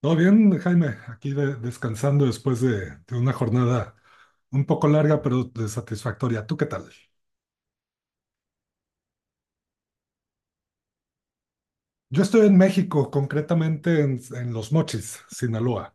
Todo bien, Jaime, aquí descansando después de una jornada un poco larga, pero de satisfactoria. ¿Tú qué tal? Yo estoy en México, concretamente en Los Mochis, Sinaloa.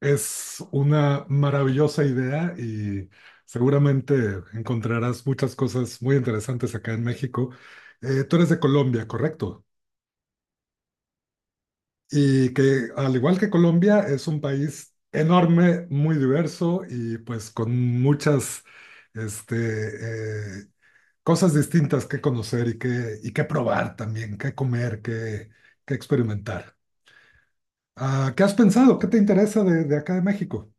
Es una maravillosa idea y seguramente encontrarás muchas cosas muy interesantes acá en México. Tú eres de Colombia, ¿correcto? Y que al igual que Colombia es un país enorme, muy diverso y pues con muchas este, eh, cosas distintas que conocer y que probar también, que comer, que experimentar. Ah, ¿qué has pensado? ¿Qué te interesa de acá de México?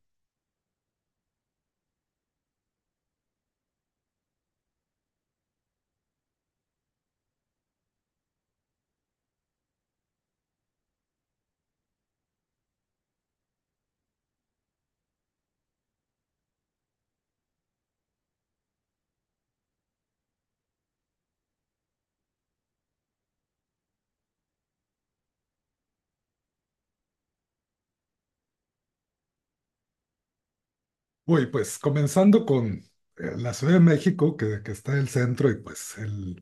Uy, pues comenzando con la Ciudad de México, que está en el centro y pues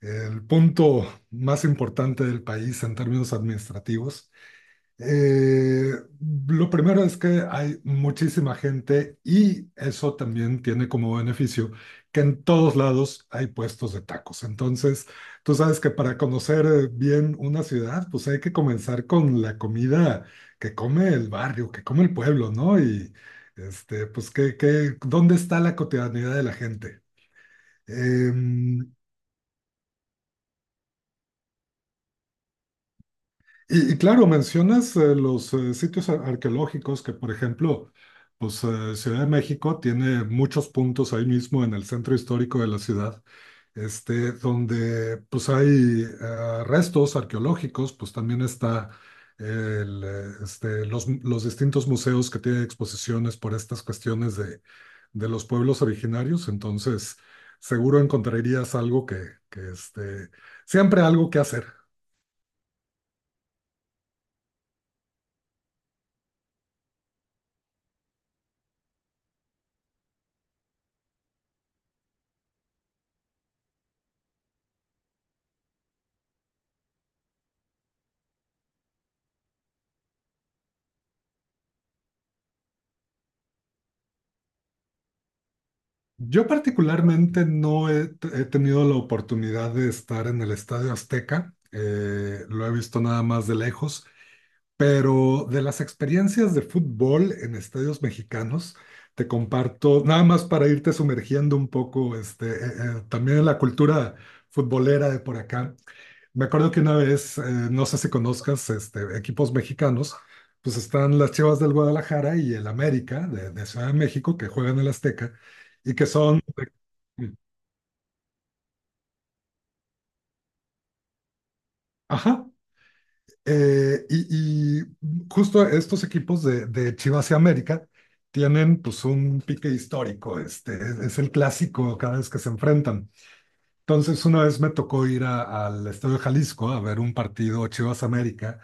el punto más importante del país en términos administrativos. Eh, lo primero es que hay muchísima gente y eso también tiene como beneficio que en todos lados hay puestos de tacos. Entonces, tú sabes que para conocer bien una ciudad, pues hay que comenzar con la comida que come el barrio, que come el pueblo, ¿no? Y pues, ¿qué, dónde está la cotidianidad de la gente? Eh, y claro, mencionas los sitios arqueológicos que, por ejemplo, pues Ciudad de México tiene muchos puntos ahí mismo en el centro histórico de la ciudad, donde pues hay restos arqueológicos, pues también está los distintos museos que tienen exposiciones por estas cuestiones de los pueblos originarios, entonces seguro encontrarías algo que, que este, siempre algo que hacer. Yo particularmente no he, he tenido la oportunidad de estar en el Estadio Azteca, lo he visto nada más de lejos, pero de las experiencias de fútbol en estadios mexicanos, te comparto, nada más para irte sumergiendo un poco, también en la cultura futbolera de por acá. Me acuerdo que una vez, no sé si conozcas equipos mexicanos, pues están las Chivas del Guadalajara y el América de Ciudad de México que juegan en el Azteca y que son Ajá. Eh, y, y justo estos equipos de Chivas y América tienen pues un pique histórico, es el clásico cada vez que se enfrentan. Entonces una vez me tocó ir al Estadio Jalisco a ver un partido Chivas América.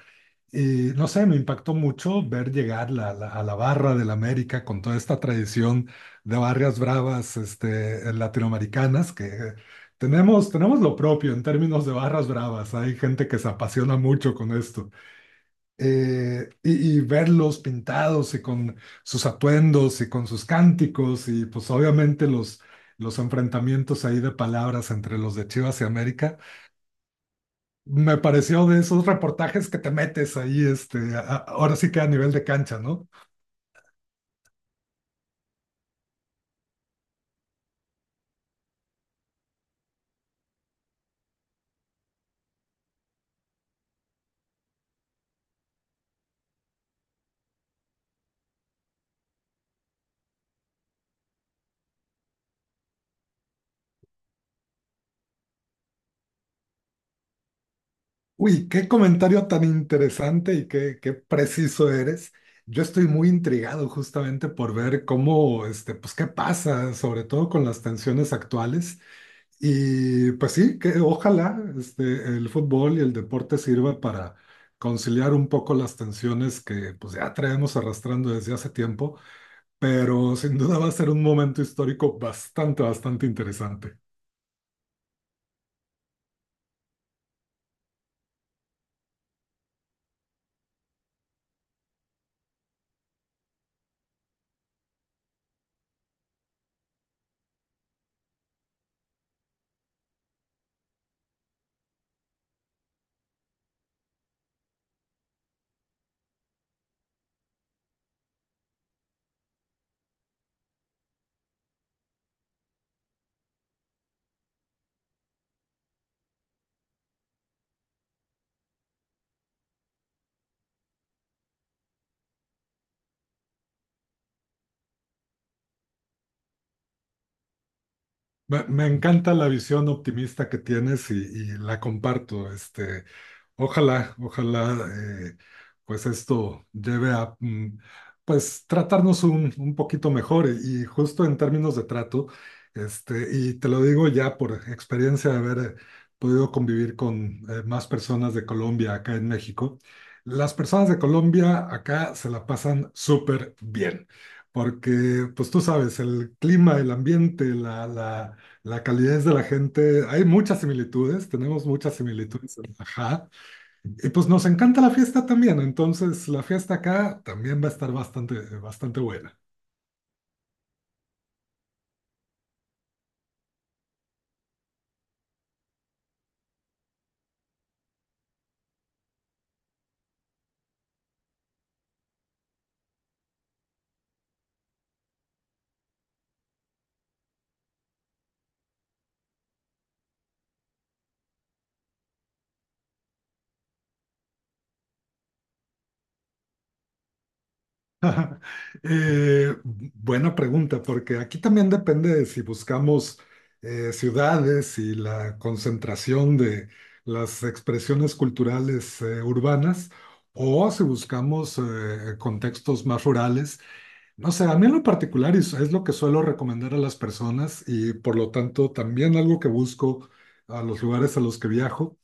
Y no sé, me impactó mucho ver llegar a la barra del América con toda esta tradición de barrias bravas latinoamericanas, que tenemos lo propio en términos de barras bravas. Hay gente que se apasiona mucho con esto. Verlos pintados y con sus atuendos y con sus cánticos y pues obviamente los enfrentamientos ahí de palabras entre los de Chivas y América. Me pareció de esos reportajes que te metes ahí, ahora sí que a nivel de cancha, ¿no? Uy, qué comentario tan interesante y qué, qué preciso eres. Yo estoy muy intrigado justamente por ver cómo, pues qué pasa, sobre todo con las tensiones actuales. Y pues sí, que ojalá, el fútbol y el deporte sirva para conciliar un poco las tensiones que pues ya traemos arrastrando desde hace tiempo, pero sin duda va a ser un momento histórico bastante, bastante interesante. Me encanta la visión optimista que tienes y la comparto. Ojalá, ojalá, eh, pues esto lleve a, pues tratarnos un poquito mejor y justo en términos de trato, y te lo digo ya por experiencia de haber podido convivir con más personas de Colombia acá en México, las personas de Colombia acá se la pasan súper bien, porque pues tú sabes, el clima, el ambiente, la calidez de la gente, hay muchas similitudes, tenemos muchas similitudes, ajá. Y pues nos encanta la fiesta también, entonces la fiesta acá también va a estar bastante, bastante buena. Buena pregunta, porque aquí también depende de si buscamos ciudades y la concentración de las expresiones culturales urbanas o si buscamos contextos más rurales. No sé, a mí en lo particular es lo que suelo recomendar a las personas y por lo tanto también algo que busco a los lugares a los que viajo,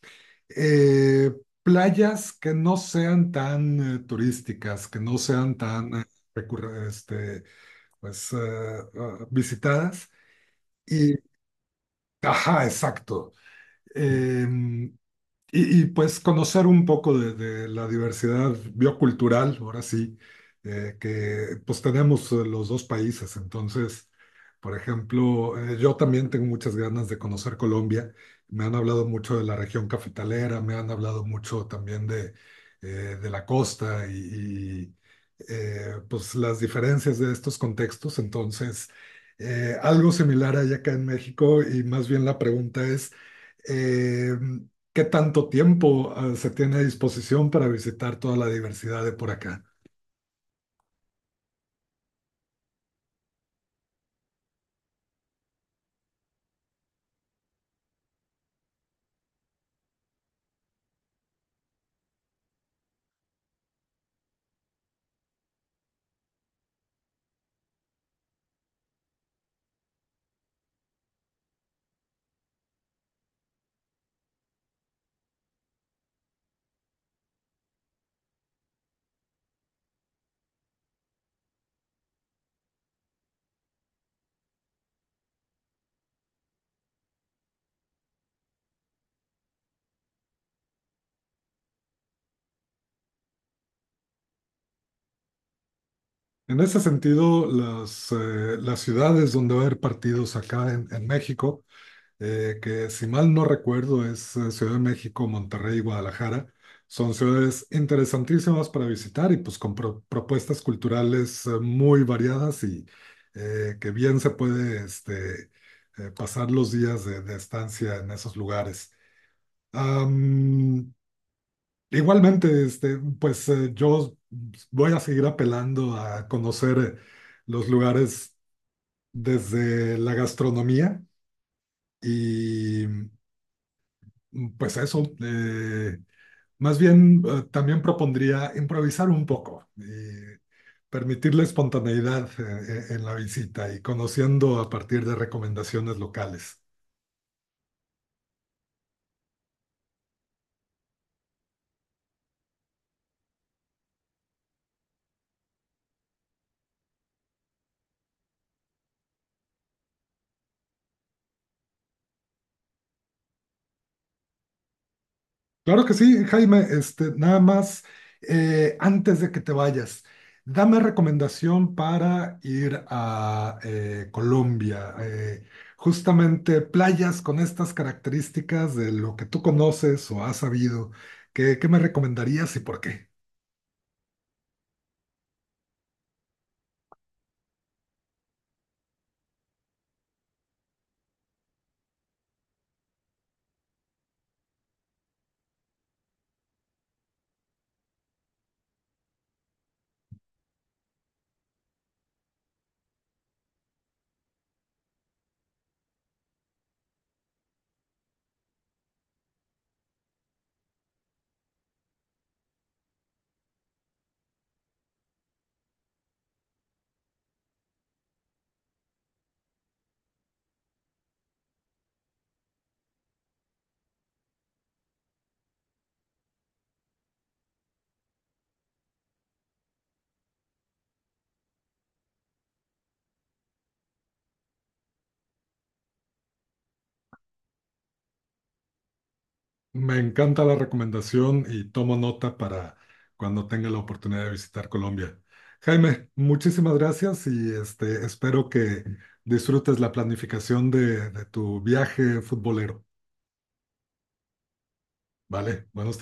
eh, playas que no sean tan turísticas, que no sean tan recurre- este, pues, eh, visitadas. Y, ajá, exacto. Mm. Em, y, y, pues conocer un poco de la diversidad biocultural, ahora sí, que pues tenemos los dos países. Entonces, por ejemplo, yo también tengo muchas ganas de conocer Colombia. Me han hablado mucho de la región cafetalera, me han hablado mucho también de la costa y, pues las diferencias de estos contextos. Entonces, algo similar hay acá en México y más bien la pregunta es... eh, ¿Qué tanto tiempo se tiene a disposición para visitar toda la diversidad de por acá? En ese sentido, las ciudades donde va a haber partidos acá en México, que si mal no recuerdo es Ciudad de México, Monterrey y Guadalajara, son ciudades interesantísimas para visitar y pues con propuestas culturales muy variadas y que bien se puede pasar los días de estancia en esos lugares. Am, Igualmente, pues yo voy a seguir apelando a conocer los lugares desde la gastronomía y pues eso, más bien también propondría improvisar un poco y permitir la espontaneidad en la visita y conociendo a partir de recomendaciones locales. Claro que sí, Jaime. Nada más, antes de que te vayas, dame recomendación para ir a Colombia. Justamente playas con estas características de lo que tú conoces o has sabido. ¿Qué, qué me recomendarías y por qué? Me encanta la recomendación y tomo nota para cuando tenga la oportunidad de visitar Colombia. Jaime, muchísimas gracias y espero que disfrutes la planificación de tu viaje futbolero. Vale, buenos